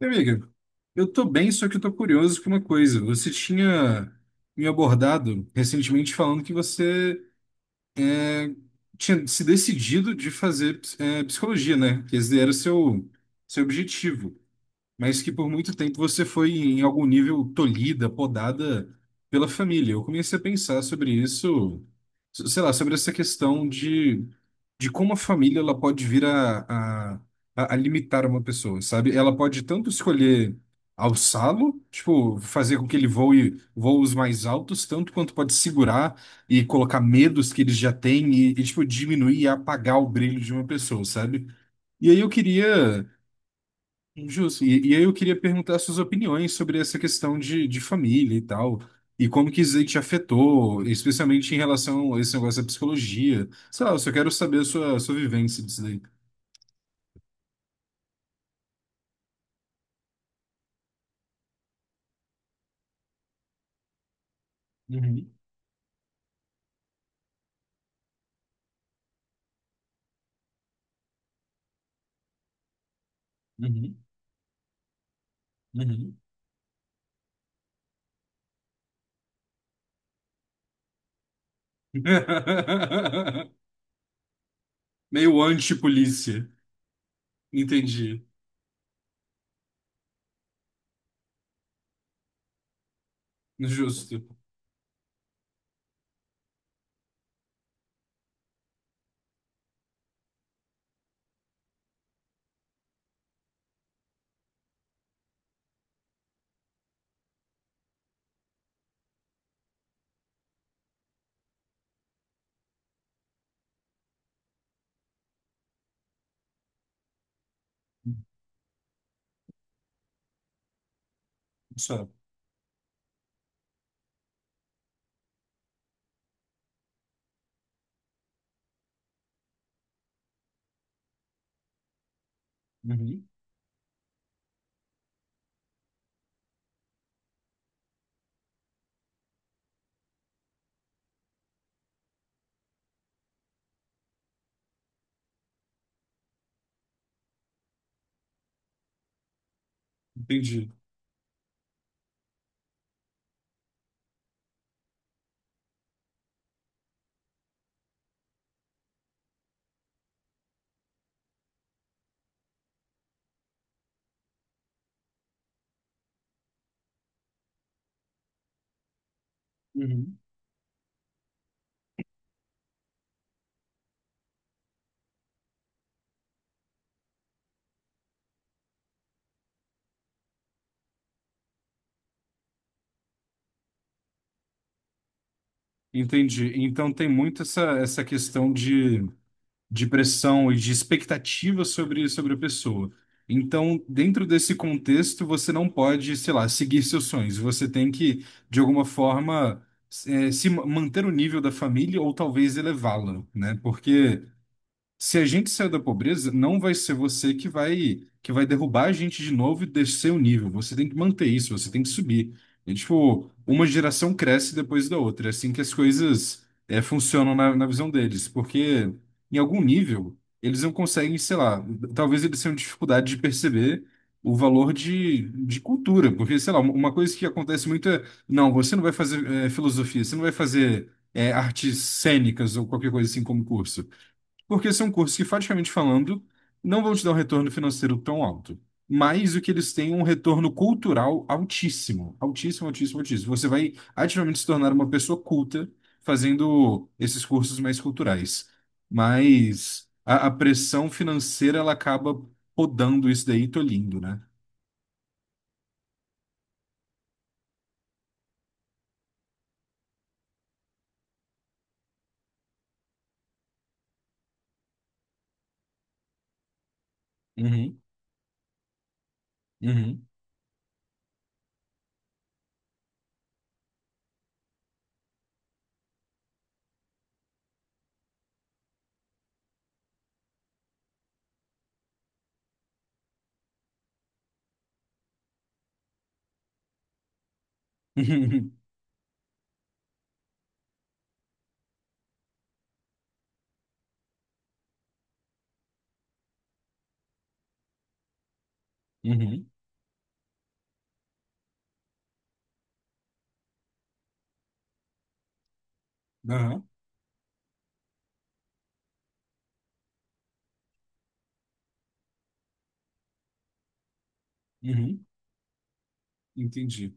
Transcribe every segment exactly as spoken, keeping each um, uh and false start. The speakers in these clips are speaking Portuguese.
Minha Amiga, eu tô bem, só que eu tô curioso com uma coisa. Você tinha me abordado recentemente falando que você é, tinha se decidido de fazer é, psicologia, né? Que esse era o seu, seu objetivo, mas que por muito tempo você foi, em algum nível, tolhida, podada pela família. Eu comecei a pensar sobre isso, s- sei lá, sobre essa questão de, de como a família ela pode vir a, a, a a limitar uma pessoa, sabe? Ela pode tanto escolher alçá-lo, tipo, fazer com que ele voe voos mais altos, tanto quanto pode segurar e colocar medos que ele já tem e, e tipo, diminuir e apagar o brilho de uma pessoa, sabe? E aí eu queria. Justo. E, e aí eu queria perguntar suas opiniões sobre essa questão de, de família e tal, e como que isso aí te afetou, especialmente em relação a esse negócio da psicologia. Sei lá, eu só quero saber a sua, sua vivência disso daí. Uhum, uhum, uhum. Meio anti-polícia. Entendi. Justo. Sabe. Uhum. Entendi. Uhum. Entendi. Então tem muito essa, essa questão de de pressão e de expectativa sobre, sobre a pessoa. Então, dentro desse contexto, você não pode, sei lá, seguir seus sonhos. Você tem que, de alguma forma, eh, se ma- manter o nível da família ou talvez elevá-lo, né? Porque se a gente sair da pobreza, não vai ser você que vai que vai derrubar a gente de novo e descer o nível. Você tem que manter isso, você tem que subir. É tipo, uma geração cresce depois da outra. É assim que as coisas é, funcionam na, na visão deles. Porque em algum nível, eles não conseguem, sei lá, talvez eles tenham dificuldade de perceber o valor de, de cultura. Porque, sei lá, uma coisa que acontece muito é, não, você não vai fazer é, filosofia, você não vai fazer é, artes cênicas ou qualquer coisa assim como curso porque são cursos que, praticamente falando, não vão te dar um retorno financeiro tão alto, mas o que eles têm é um retorno cultural altíssimo, altíssimo, altíssimo, altíssimo. Você vai ativamente se tornar uma pessoa culta fazendo esses cursos mais culturais, mas a, a pressão financeira ela acaba podando isso daí, e tolhindo, né? Uhum, uhum, uhum, uhum, aham, uhum, entendi.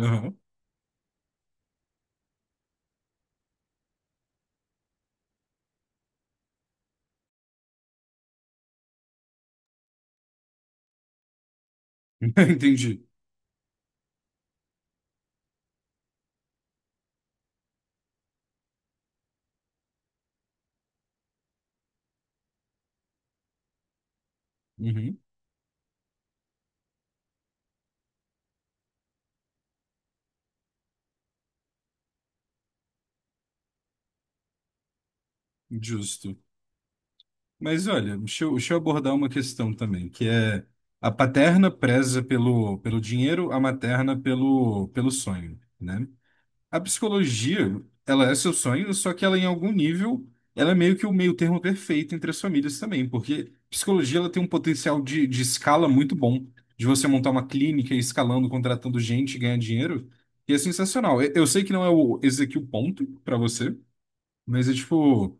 Aham, entendi. Uhum, justo. Mas olha, deixa eu, deixa eu abordar uma questão também, que é a paterna preza pelo, pelo dinheiro, a materna pelo, pelo sonho, né? A psicologia, ela é seu sonho, só que ela em algum nível, ela é meio que o meio termo perfeito entre as famílias também, porque psicologia ela tem um potencial de, de escala muito bom, de você montar uma clínica e escalando, contratando gente, ganhar dinheiro, e é sensacional. Eu, eu sei que não é o, esse aqui o ponto para você, mas é tipo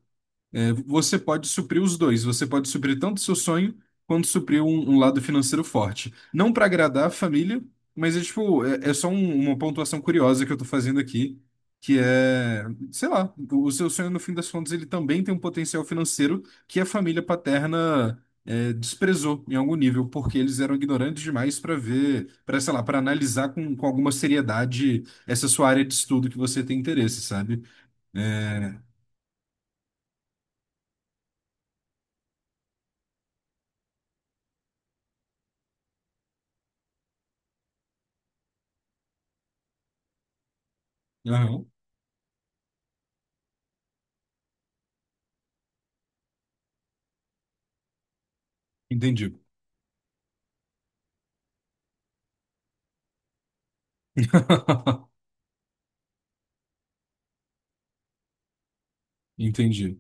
é, você pode suprir os dois. Você pode suprir tanto o seu sonho quanto suprir um, um lado financeiro forte. Não para agradar a família, mas é tipo, é, é só um- uma pontuação curiosa que eu tô fazendo aqui, que é, sei lá, o o seu sonho no fim das contas ele também tem um potencial financeiro que a família paterna é, desprezou em algum nível, porque eles eram ignorantes demais para ver, para sei lá, para analisar com, com alguma seriedade essa sua área de estudo que você tem interesse, sabe? É... aham. Entendi. Entendi.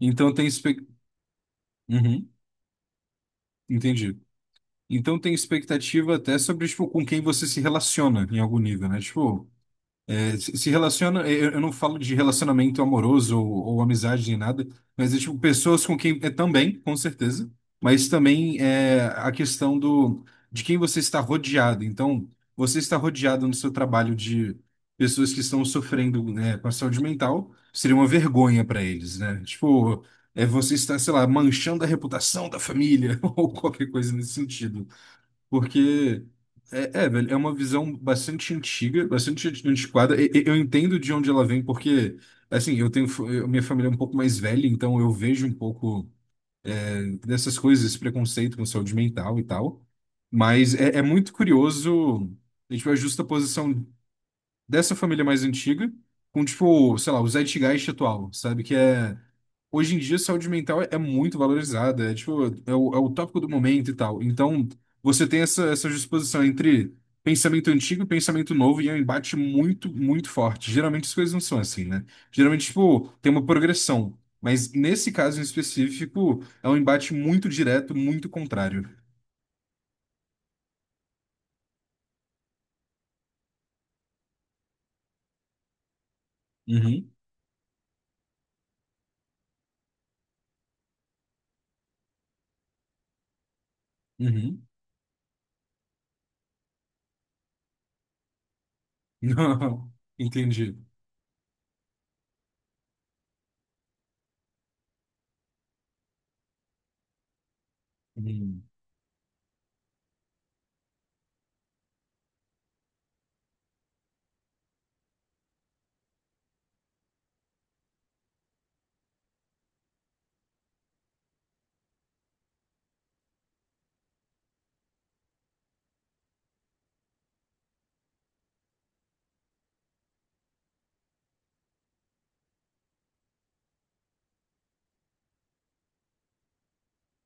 Então tem expec... Uhum, entendi. Então tem expectativa até sobre, tipo, com quem você se relaciona em algum nível, né? Tipo, é, se se relaciona, eu, eu não falo de relacionamento amoroso ou, ou amizade nem nada, mas é tipo pessoas com quem é também, com certeza, mas também é a questão do de quem você está rodeado. Então, você está rodeado no seu trabalho de pessoas que estão sofrendo, né, com a saúde mental, seria uma vergonha para eles, né? Tipo, é você está, sei lá, manchando a reputação da família ou qualquer coisa nesse sentido. Porque é, é, velho, é uma visão bastante antiga, bastante antiquada. E- e- Eu entendo de onde ela vem, porque, assim, eu tenho fa- eu- minha família é um pouco mais velha, então eu vejo um pouco eh, dessas coisas, esse preconceito com saúde mental e tal. Mas é, é muito curioso, a gente vê a justa dessa família mais antiga, com, tipo, sei lá, o Zeitgeist atual, sabe? Que é. Hoje em dia, saúde mental é é muito valorizada, é, tipo, é o, é o tópico do momento e tal. Então, você tem essa, essa disposição entre pensamento antigo e pensamento novo, e é um embate muito, muito forte. Geralmente as coisas não são assim, né? Geralmente, tipo, tem uma progressão. Mas nesse caso em específico, é um embate muito direto, muito contrário. Uhum, uhum. Não, entendi. Uhum.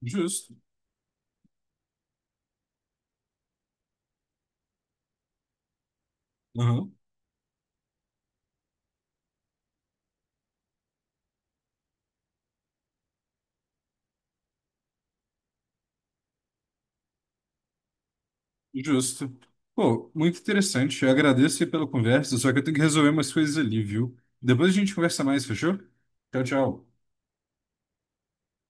Justo. Aham. Justo. Pô, muito interessante. Eu agradeço aí pela conversa, só que eu tenho que resolver umas coisas ali, viu? Depois a gente conversa mais, fechou? Tchau, tchau.